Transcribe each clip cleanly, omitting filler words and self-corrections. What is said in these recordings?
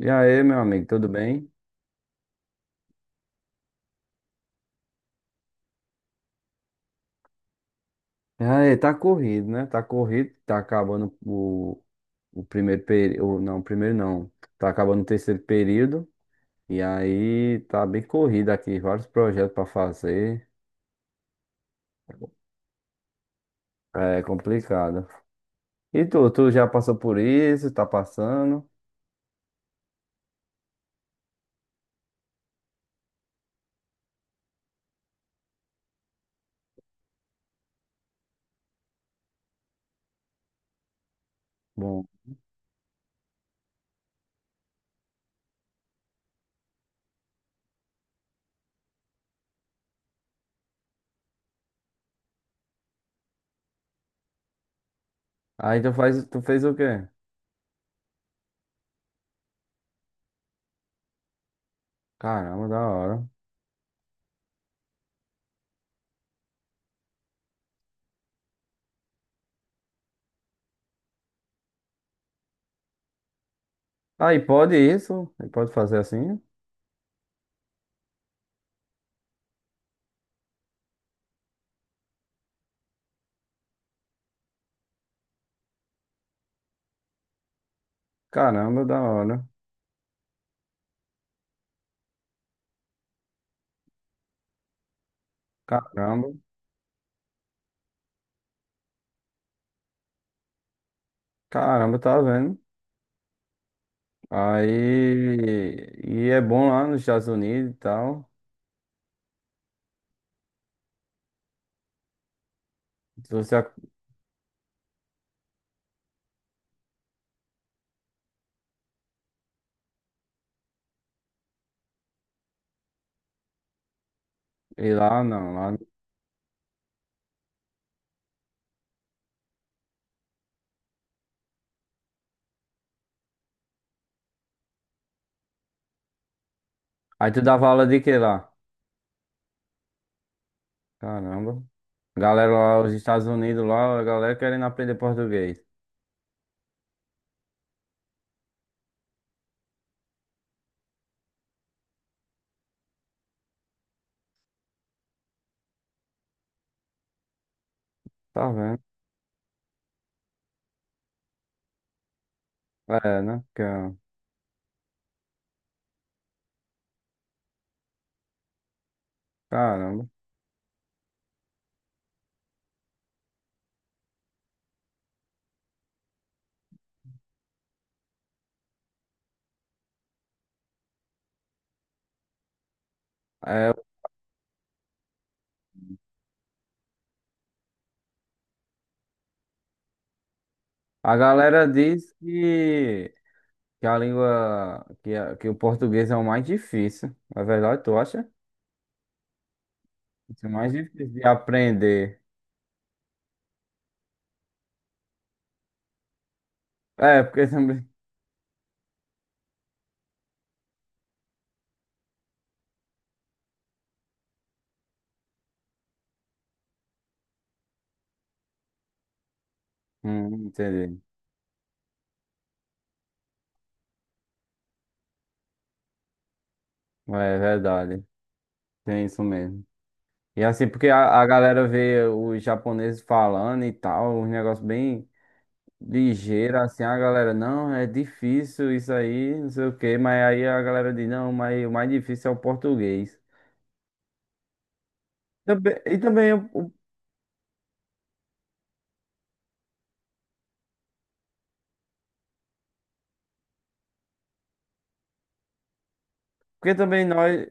E aí, meu amigo, tudo bem? E aí, tá corrido, né? Tá corrido, tá acabando o primeiro período. Não, primeiro não. Tá acabando o terceiro período. E aí, tá bem corrido aqui, vários projetos pra fazer. É complicado. E tu já passou por isso? Tá passando? Bom. Aí tu faz, tu fez o quê? Caramba, da hora. Aí pode isso? Aí pode fazer assim? Caramba, da hora. Caramba, caramba, tá vendo? Aí, e é bom lá nos Estados Unidos e tal. Se você ac- Ir lá, não, lá. Aí tu dava aula de que lá? Caramba. Galera lá, os Estados Unidos lá, a galera querendo aprender português. Tá vendo? É, né? Caramba. É, a galera diz que, a língua, que que o português é o mais difícil. É verdade, tu acha? Isso é o mais difícil de aprender. É, porque também. Entendi. É verdade. Tem isso mesmo. E assim, porque a galera vê os japoneses falando e tal, um negócio bem ligeiro, assim, a galera, não, é difícil isso aí, não sei o quê, mas aí a galera diz, não, mas o mais difícil é o português. Também- e também, o- o- porque também nós,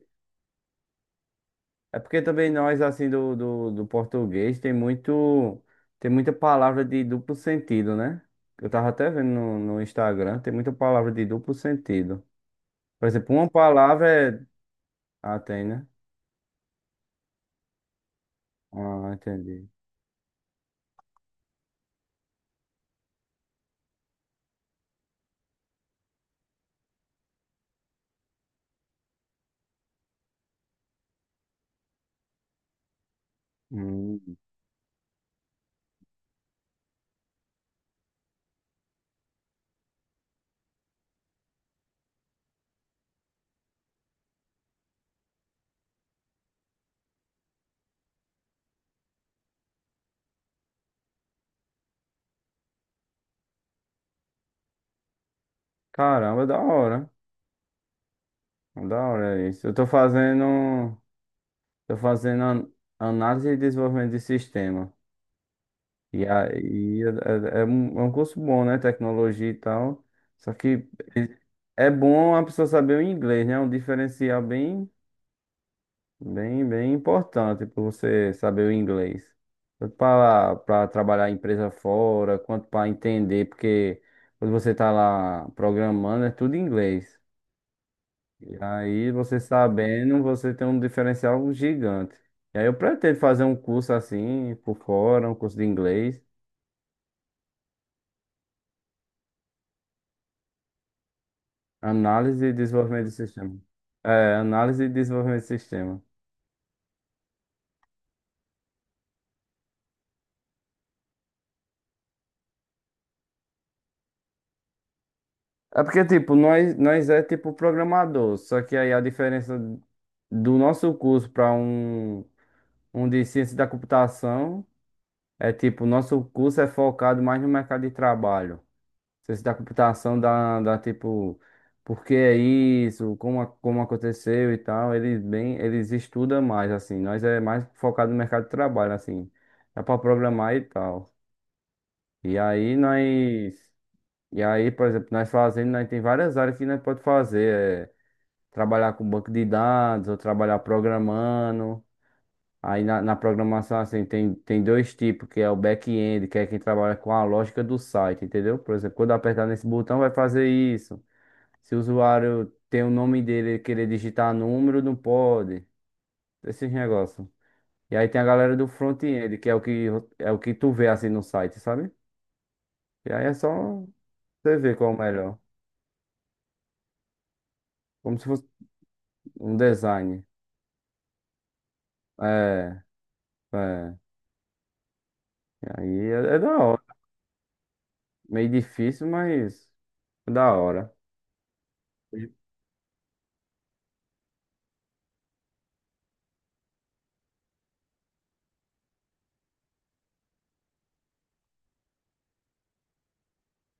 é porque também nós, assim, do português, tem muito, tem muita palavra de duplo sentido, né? Eu tava até vendo no Instagram, tem muita palavra de duplo sentido. Por exemplo, uma palavra é... Ah, tem, né? Ah, entendi. Hum, Caramba, da hora. Da hora é isso. Eu tô fazendo, tô fazendo an- análise e desenvolvimento de sistema. E aí é, é um curso bom, né? Tecnologia e tal. Só que é bom a pessoa saber o inglês, né? É um diferencial bem, bem, bem importante para você saber o inglês. Tanto para trabalhar em empresa fora, quanto para entender, porque quando você tá lá programando, é tudo em inglês. E aí, você sabendo, você tem um diferencial gigante. E aí, eu pretendo fazer um curso assim, por fora, um curso de inglês, análise e desenvolvimento de sistema. É, análise e desenvolvimento de sistema. É porque, tipo, nós é tipo programador, só que aí a diferença do nosso curso para um de ciência da computação é tipo, nosso curso é focado mais no mercado de trabalho. Ciência da computação dá, dá tipo, por que é isso, como, como aconteceu e tal. Eles bem, eles estudam mais, assim. Nós é mais focado no mercado de trabalho, assim. Dá pra programar e tal. E aí nós. E aí, por exemplo, nós fazendo, nós tem várias áreas que nós pode fazer. É trabalhar com banco de dados ou trabalhar programando. Aí na programação, assim, tem, tem dois tipos, que é o back-end, que é quem trabalha com a lógica do site, entendeu? Por exemplo, quando eu apertar nesse botão, vai fazer isso. Se o usuário tem o nome dele e querer digitar número, não pode. Esses negócios. E aí tem a galera do front-end, que é o que é o que tu vê assim no site, sabe? E aí é só você ver qual é o melhor. Como se fosse um design. É, é. E aí é, é da hora. Meio difícil, mas é da hora.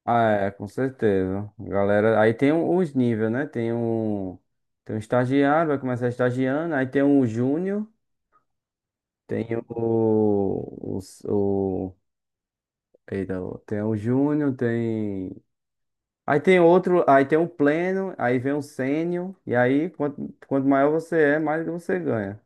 Ah, é, com certeza. Galera, aí tem os níveis, né? Tem um estagiário, vai começar estagiando, aí tem um júnior. Tem o eita, tem o júnior, tem. Aí tem outro, aí tem um pleno, aí vem um sênior, e aí quanto, quanto maior você é, mais você ganha.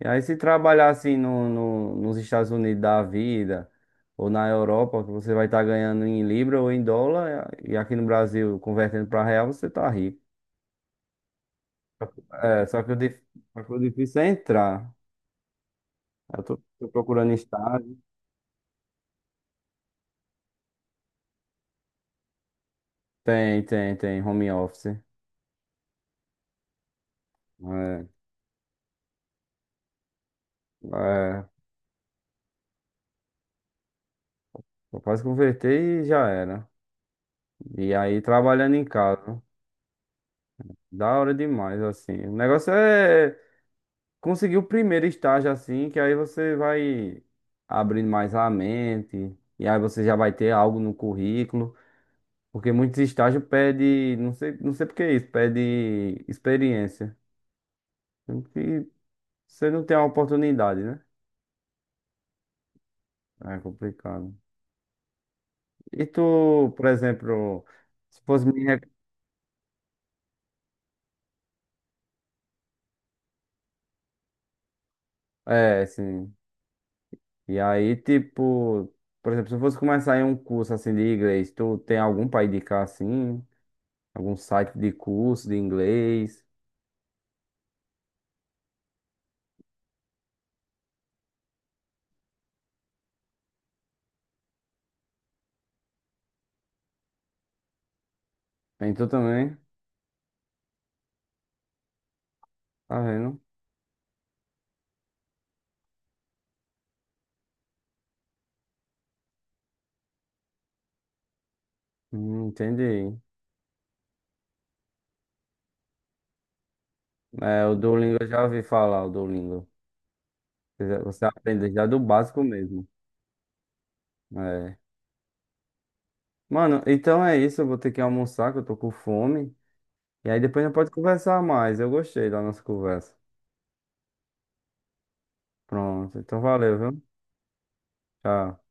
E aí se trabalhar assim no, nos Estados Unidos da vida, ou na Europa, que você vai estar ganhando em libra ou em dólar, e aqui no Brasil, convertendo para real, você tá rico. É, só que o, só que o difícil é entrar. Eu tô, tô procurando estágio. Tem, tem, tem, home office. É. É, eu quase convertei e já era. E aí trabalhando em casa. Da hora demais, assim. O negócio é conseguir o primeiro estágio, assim, que aí você vai abrindo mais a mente. E aí você já vai ter algo no currículo. Porque muitos estágios pedem, não sei, não sei por que isso, pede experiência. Sendo que você não tem a oportunidade, né? É complicado. E tu, por exemplo, se fosse me. Rec- é, assim. E aí, tipo, por exemplo, se eu fosse começar em um curso assim de inglês, tu tem algum pra indicar assim? Algum site de curso de inglês? Tem tu também? Tá vendo? Entendi. É, o Duolingo eu já ouvi falar, o Duolingo. Você aprende já do básico mesmo. É. Mano, então é isso. Eu vou ter que almoçar, que eu tô com fome. E aí depois a gente pode conversar mais. Eu gostei da nossa conversa. Pronto. Então valeu, viu? Tchau.